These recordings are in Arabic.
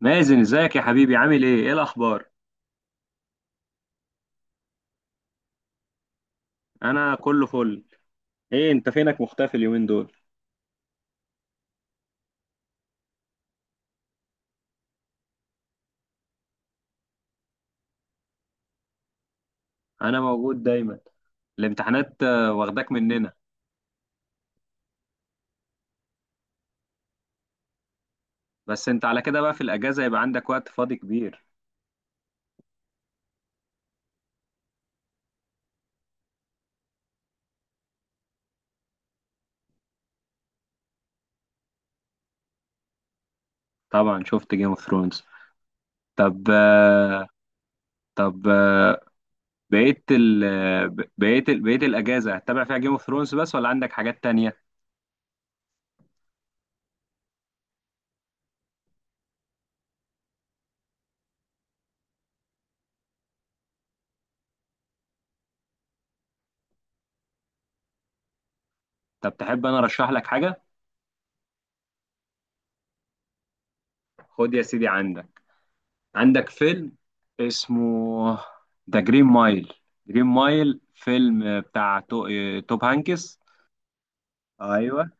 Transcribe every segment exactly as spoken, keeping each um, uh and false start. مازن، ازيك يا حبيبي؟ عامل ايه ايه الاخبار؟ انا كله فل. ايه انت فينك مختفي اليومين دول؟ انا موجود دايما. الامتحانات آه، واخداك مننا. بس انت على كده بقى في الاجازه يبقى عندك وقت فاضي كبير. طبعا شفت جيم اوف ثرونز. طب آه، طب آه، بقيت ال آه، ب- بقيت ال- بقيت الاجازه هتتابع فيها جيم اوف ثرونز بس، ولا عندك حاجات تانية؟ طب تحب انا ارشح لك حاجه؟ خد يا سيدي، عندك، عندك فيلم اسمه ذا جرين مايل. جرين مايل فيلم بتاع تو... آه، توب هانكس. ايوه.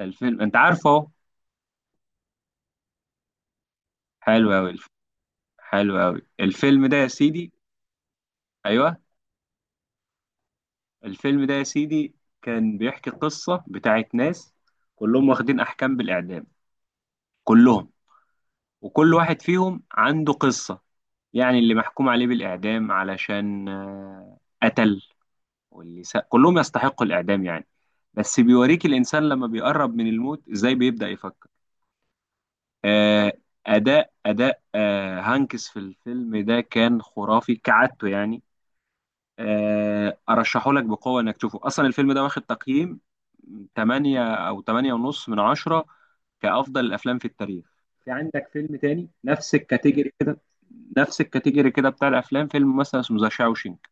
الفيلم انت عارفه اهو. حلو قوي، حلو قوي الفيلم ده يا سيدي. ايوه. الفيلم ده يا سيدي كان بيحكي قصة بتاعت ناس، كلهم واخدين احكام بالاعدام، كلهم، وكل واحد فيهم عنده قصة. يعني اللي محكوم عليه بالاعدام علشان آه، قتل، واللي س... كلهم يستحقوا الإعدام يعني. بس بيوريك الإنسان لما بيقرب من الموت إزاي بيبدأ يفكر. آه أداء أداء آه هانكس في الفيلم ده كان خرافي كعادته يعني. آه أرشحه لك بقوة إنك تشوفه. أصلا الفيلم ده واخد تقييم ثمانية أو ثمانية ونص من عشرة كأفضل الأفلام في التاريخ. في عندك فيلم تاني نفس الكاتيجوري كده، نفس الكاتيجوري كده، بتاع الأفلام، فيلم مثلا اسمه ذا شاوشينك،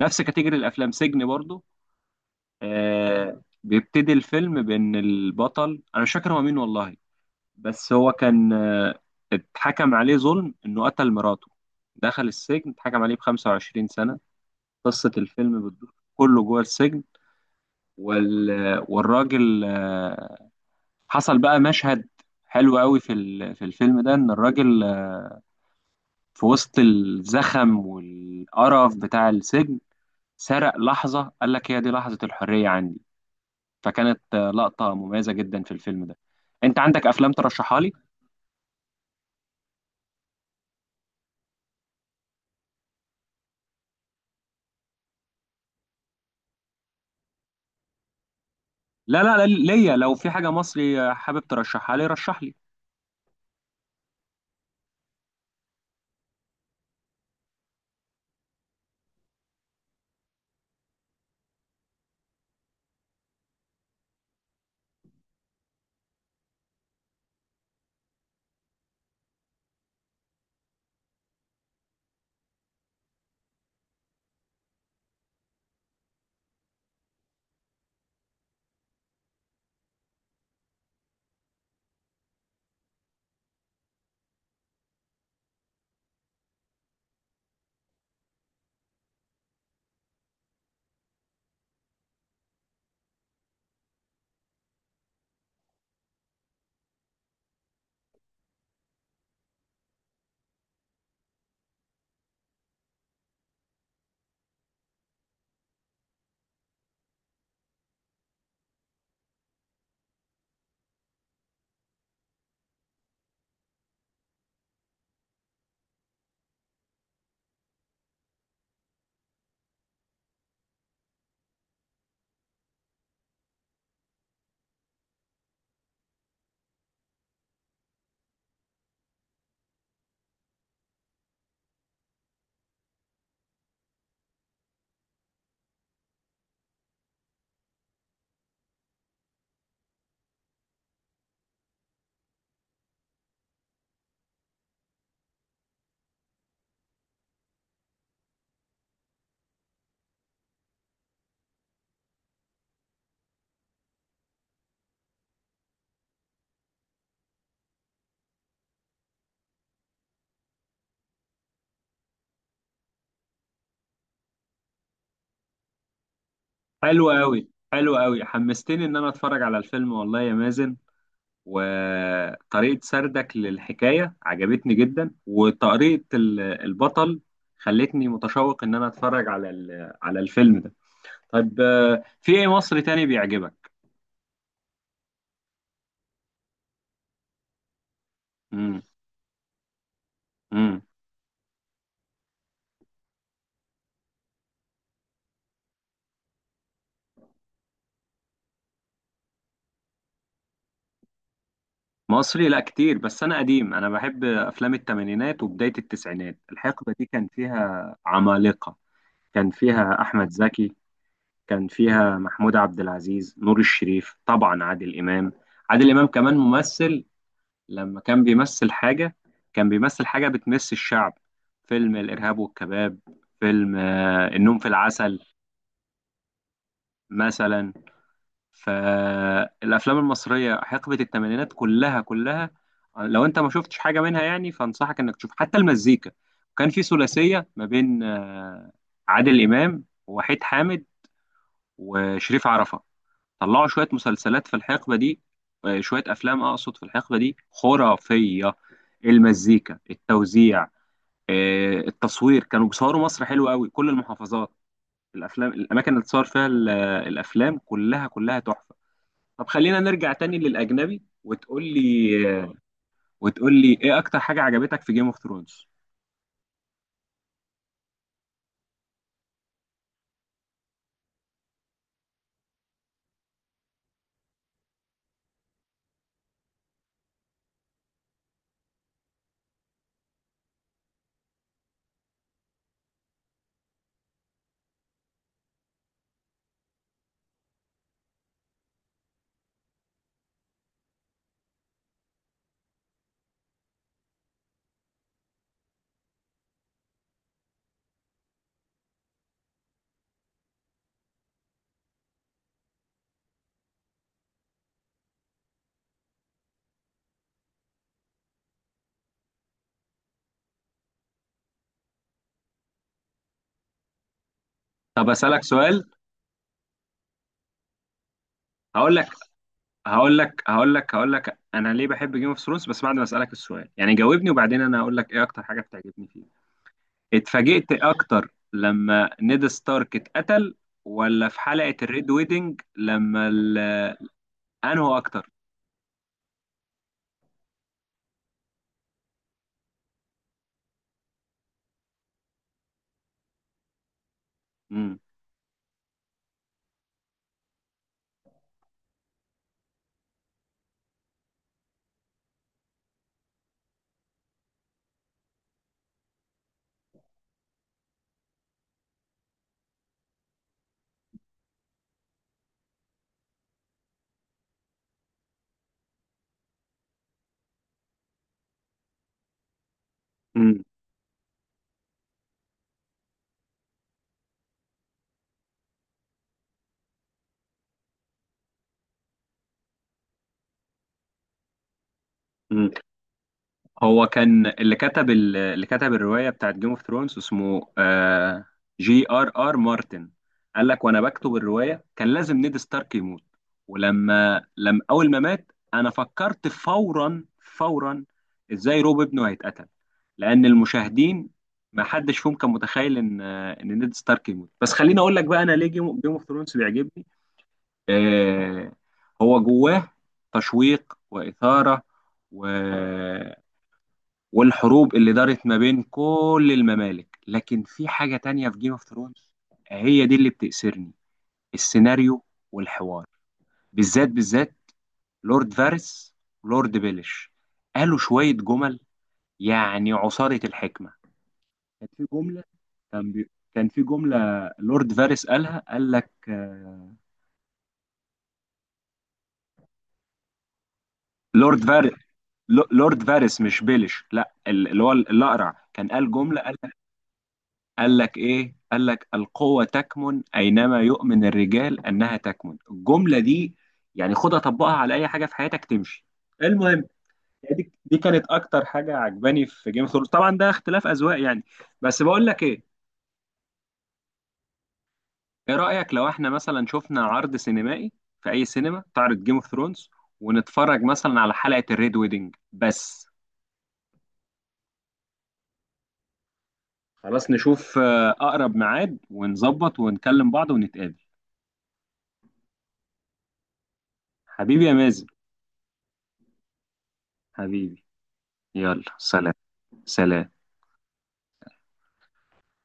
نفس كاتيجوري الأفلام، سجن برضه. آه بيبتدي الفيلم بان البطل، انا مش فاكر هو مين والله، بس هو كان آه اتحكم عليه ظلم انه قتل مراته. دخل السجن، اتحكم عليه ب خمسة وعشرين سنة. قصة الفيلم بتدور كله جوه السجن. وال... والراجل آه حصل بقى مشهد حلو قوي في ال... في الفيلم ده، ان الراجل آه، في وسط الزخم والقرف بتاع السجن سرق لحظة، قال لك هي دي لحظة الحرية عندي. فكانت آه، لقطة مميزة جدا في الفيلم ده. انت عندك افلام ترشحها لي؟ لا لا لا، ليا لو في حاجة مصري آه، حابب ترشحها لي، رشح لي. حلو قوي، حلو قوي، حمستني ان انا اتفرج على الفيلم والله يا مازن. وطريقة سردك للحكاية عجبتني جدا، وطريقة ال- البطل خلتني متشوق ان انا اتفرج على ال- على الفيلم ده. طيب آه، في ايه مصري تاني بيعجبك؟ امم مصري، لا كتير، بس انا قديم، انا بحب افلام الثمانينات وبدايه التسعينات. الحقبه دي كان فيها عمالقه. كان فيها احمد زكي، كان فيها محمود عبد العزيز، نور الشريف، طبعا عادل امام. عادل امام كمان ممثل، لما كان بيمثل حاجه كان بيمثل حاجه بتمس الشعب. فيلم الارهاب والكباب، فيلم آه، النوم في العسل، مثلا. فالافلام المصريه حقبه الثمانينات كلها كلها، لو انت ما شفتش حاجه منها يعني فانصحك انك تشوف، حتى المزيكا. كان في ثلاثيه ما بين آه، عادل امام ووحيد حامد وشريف عرفه، طلعوا شويه مسلسلات في الحقبه دي، آه، شويه افلام اقصد في الحقبه دي خرافيه. المزيكا، التوزيع، آه، التصوير، كانوا بيصوروا مصر حلو قوي، كل المحافظات. الافلام، الاماكن اللي اتصور فيها ال- الافلام كلها كلها تحفه. طب خلينا نرجع تاني للأجنبي، وتقول لي وتقول لي إيه أكتر حاجة عجبتك في جيم اوف ثرونز؟ طب أسألك سؤال. هقول لك هقول لك هقول لك هقول لك أنا ليه بحب جيم اوف ثرونز، بس بعد ما أسألك السؤال يعني، جاوبني وبعدين أنا هقول لك إيه أكتر حاجة بتعجبني فيه. اتفاجئت أكتر لما نيد ستارك اتقتل، ولا في حلقة الريد ويدنج لما ال... أنهو أكتر؟ امم هو كان اللي كتب ال- اللي كتب الروايه بتاعت جيم اوف ثرونز اسمه آه، جي ار ار مارتن. قال لك وانا بكتب الروايه كان لازم نيد ستارك يموت. ولما لما اول ما مات انا فكرت فورا فورا ازاي روب ابنه هيتقتل. لان المشاهدين ما حدش فيهم كان متخيل ان آه، ان نيد ستارك يموت. بس خليني اقول لك بقى انا ليه جيم اوف ثرونز بيعجبني. آه، هو جواه تشويق واثاره، و والحروب اللي دارت ما بين كل الممالك. لكن في حاجة تانية في جيم اوف ثرونز هي دي اللي بتأسرني، السيناريو والحوار، بالذات بالذات لورد فارس ولورد بيليش، قالوا شوية جمل يعني عصارة الحكمة. كان في جملة، كان بي... كان في جملة لورد فارس قالها، قال لك آه، لورد فارس، لورد فارس مش بيليش، لا ال- اللي هو الأقرع، كان قال جملة قال لك ايه، قال لك القوة تكمن اينما يؤمن الرجال انها تكمن. الجملة دي يعني خدها طبقها على اي حاجة في حياتك تمشي. المهم، يعني دي, دي كانت اكتر حاجة عجباني في جيم اوف ثرونز، طبعا ده اختلاف اذواق يعني. بس بقول لك ايه، ايه رأيك لو احنا مثلا شفنا عرض سينمائي في اي سينما تعرض جيم اوف ثرونز ونتفرج مثلا على حلقة الريد ويدنج بس؟ خلاص نشوف آه، اقرب ميعاد ونظبط ونكلم بعض ونتقابل. حبيبي يا مازن، حبيبي، يلا سلام. سلام.